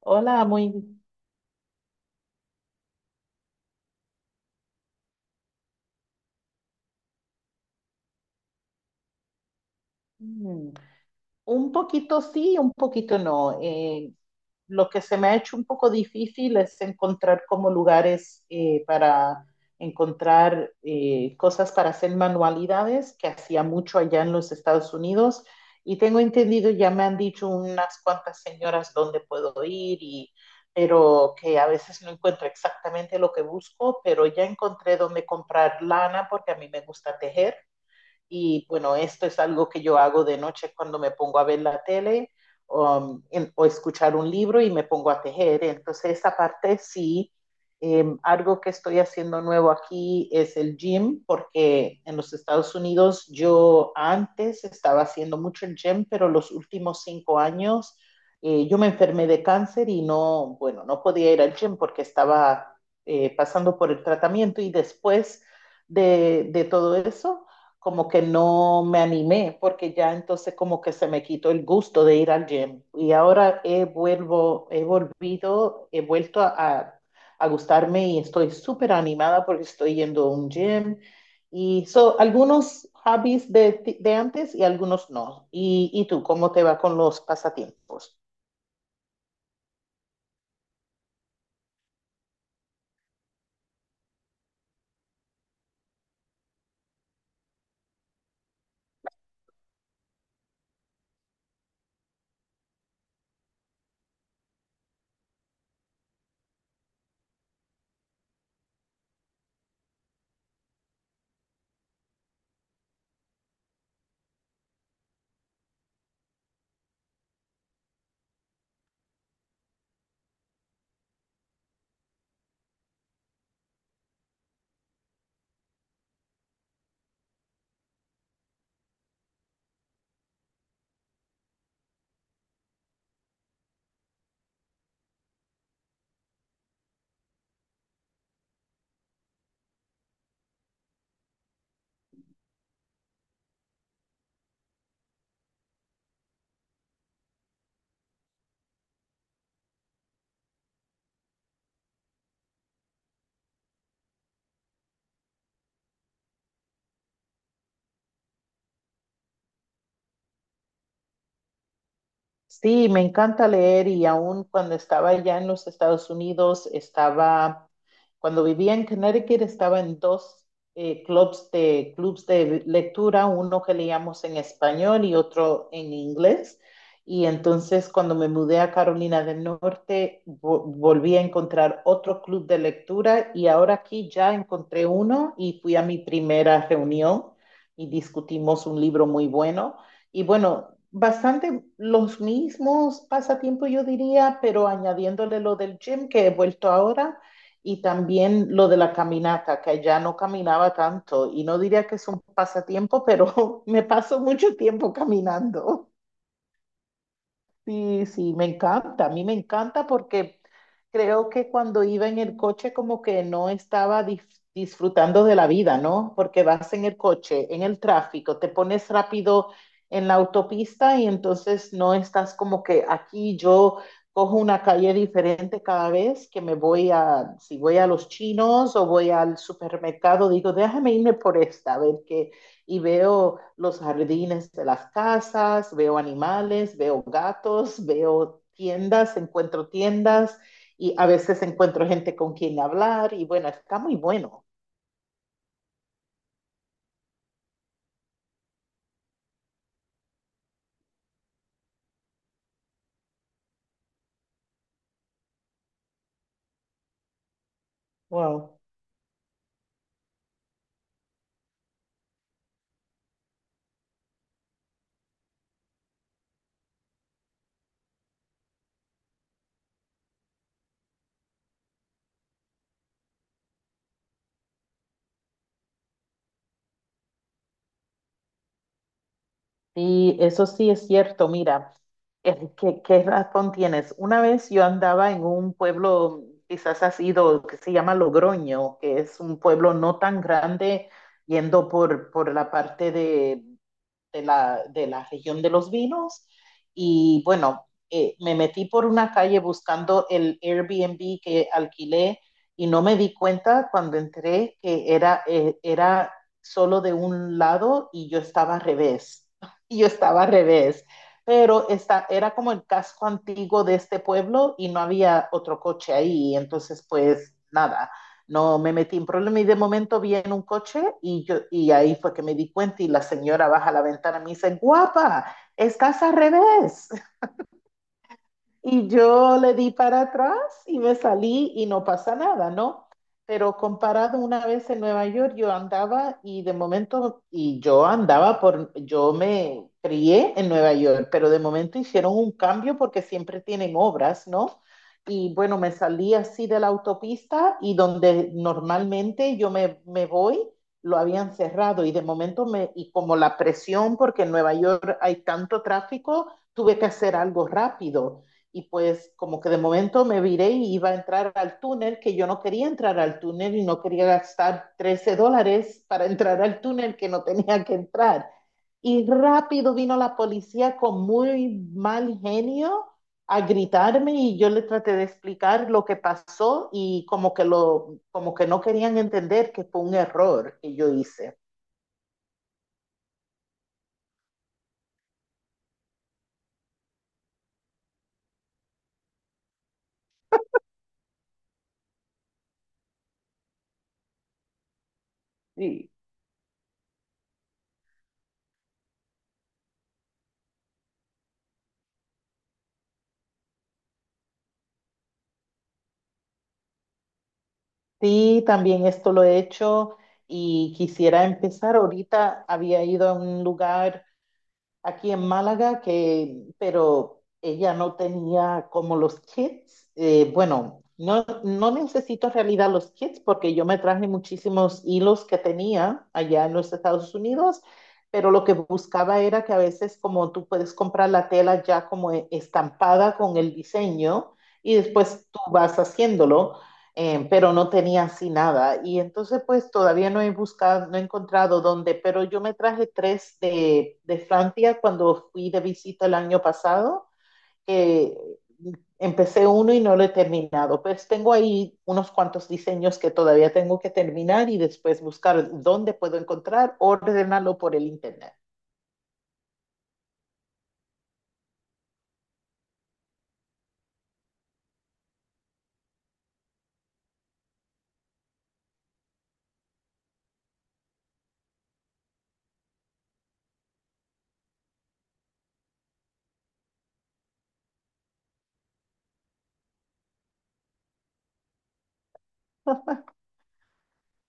Hola, muy. mm, Un poquito sí, un poquito no. Lo que se me ha hecho un poco difícil es encontrar como lugares para encontrar cosas para hacer manualidades, que hacía mucho allá en los Estados Unidos. Y tengo entendido, ya me han dicho unas cuantas señoras dónde puedo ir, pero que a veces no encuentro exactamente lo que busco, pero ya encontré dónde comprar lana porque a mí me gusta tejer. Y bueno, esto es algo que yo hago de noche cuando me pongo a ver la tele, o escuchar un libro y me pongo a tejer. Entonces, esa parte sí. Algo que estoy haciendo nuevo aquí es el gym, porque en los Estados Unidos yo antes estaba haciendo mucho el gym, pero los últimos 5 años yo me enfermé de cáncer y no, bueno, no podía ir al gym porque estaba pasando por el tratamiento y después de todo eso como que no me animé, porque ya entonces como que se me quitó el gusto de ir al gym. Y ahora he, vuelvo, he volvido, he vuelto a a gustarme y estoy súper animada porque estoy yendo a un gym. Y son algunos hobbies de antes y algunos no. ¿Y tú cómo te va con los pasatiempos? Sí, me encanta leer y aún cuando estaba allá en los Estados Unidos estaba cuando vivía en Connecticut estaba en dos clubs de lectura, uno que leíamos en español y otro en inglés. Y entonces cuando me mudé a Carolina del Norte, volví a encontrar otro club de lectura y ahora aquí ya encontré uno y fui a mi primera reunión y discutimos un libro muy bueno. Y bueno, bastante los mismos pasatiempos yo diría, pero añadiéndole lo del gym que he vuelto ahora y también lo de la caminata, que ya no caminaba tanto. Y no diría que es un pasatiempo, pero me paso mucho tiempo caminando. Sí, sí, me encanta, a mí me encanta porque creo que cuando iba en el coche como que no estaba disfrutando de la vida, ¿no? Porque vas en el coche, en el tráfico, te pones rápido en la autopista y entonces no estás como que aquí yo cojo una calle diferente cada vez que me voy a, si voy a los chinos o voy al supermercado, digo, déjame irme por esta, a ver qué, y veo los jardines de las casas, veo animales, veo gatos, veo tiendas, encuentro tiendas y a veces encuentro gente con quien hablar y bueno, está muy bueno. Wow. Y eso sí es cierto, mira, ¿qué razón tienes. Una vez yo andaba en un pueblo, quizás has ido, que se llama Logroño, que es un pueblo no tan grande, yendo por la parte de la región de los vinos y bueno, me metí por una calle buscando el Airbnb que alquilé y no me di cuenta cuando entré que era solo de un lado y yo estaba al revés, y yo estaba al revés, pero esta, era como el casco antiguo de este pueblo y no había otro coche ahí, entonces pues nada, no me metí en problema y de momento vi en un coche y, yo, y ahí fue que me di cuenta y la señora baja la ventana y me dice, guapa, estás al revés. Y yo le di para atrás y me salí y no pasa nada, ¿no? Pero comparado una vez en Nueva York, yo andaba y de momento, y yo andaba por, yo me crié en Nueva York, pero de momento hicieron un cambio porque siempre tienen obras, ¿no? Y bueno, me salí así de la autopista y donde normalmente yo me voy, lo habían cerrado y de momento y como la presión, porque en Nueva York hay tanto tráfico, tuve que hacer algo rápido y pues como que de momento me viré y iba a entrar al túnel, que yo no quería entrar al túnel y no quería gastar $13 para entrar al túnel que no tenía que entrar. Y rápido vino la policía con muy mal genio a gritarme y yo le traté de explicar lo que pasó y como que lo como que no querían entender que fue un error que yo hice. Sí. Sí, también esto lo he hecho y quisiera empezar. Ahorita había ido a un lugar aquí en Málaga, que, pero ella no tenía como los kits. Bueno, no, no necesito en realidad los kits porque yo me traje muchísimos hilos que tenía allá en los Estados Unidos, pero lo que buscaba era que a veces como tú puedes comprar la tela ya como estampada con el diseño y después tú vas haciéndolo, pero no tenía así nada. Y entonces, pues todavía no he buscado, no he encontrado dónde, pero yo me traje tres de Francia cuando fui de visita el año pasado, que empecé uno y no lo he terminado. Pues tengo ahí unos cuantos diseños que todavía tengo que terminar y después buscar dónde puedo encontrar, ordenarlo por el internet.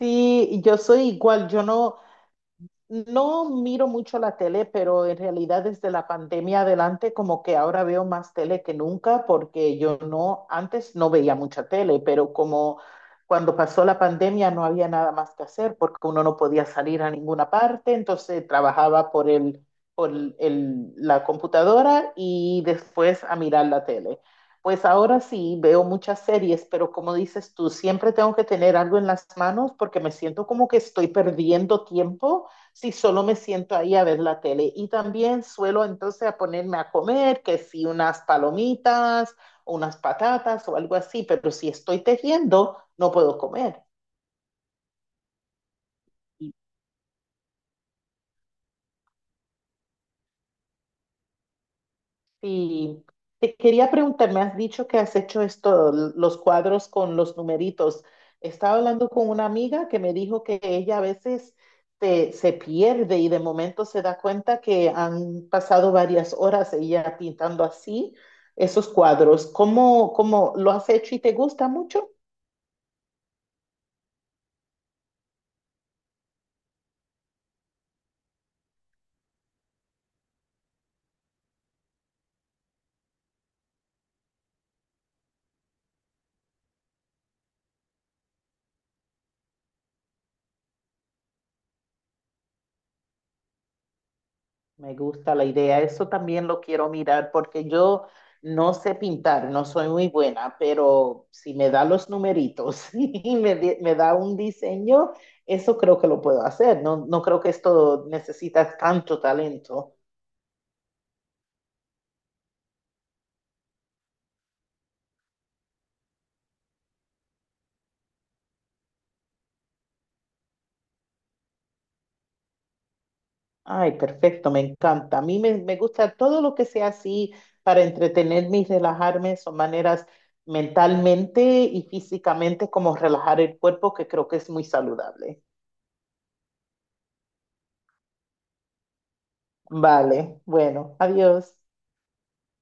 Sí, yo soy igual, yo no, no miro mucho la tele, pero en realidad desde la pandemia adelante como que ahora veo más tele que nunca porque yo no, antes no veía mucha tele, pero como cuando pasó la pandemia no había nada más que hacer porque uno no podía salir a ninguna parte, entonces trabajaba por el, por la computadora y después a mirar la tele. Pues ahora sí veo muchas series, pero como dices tú, siempre tengo que tener algo en las manos porque me siento como que estoy perdiendo tiempo si solo me siento ahí a ver la tele. Y también suelo entonces a ponerme a comer, que si unas palomitas, unas patatas o algo así, pero si estoy tejiendo, no puedo comer. Sí, te quería preguntar, me has dicho que has hecho esto, los cuadros con los numeritos. Estaba hablando con una amiga que me dijo que ella a veces te se pierde y de momento se da cuenta que han pasado varias horas ella pintando así esos cuadros. ¿Cómo, cómo lo has hecho y te gusta mucho? Me gusta la idea, eso también lo quiero mirar porque yo no sé pintar, no soy muy buena, pero si me da los numeritos y me da un diseño, eso creo que lo puedo hacer. No, no creo que esto necesita tanto talento. Ay, perfecto, me encanta. A mí me, me gusta todo lo que sea así para entretenerme y relajarme, son maneras mentalmente y físicamente como relajar el cuerpo, que creo que es muy saludable. Vale, bueno, adiós.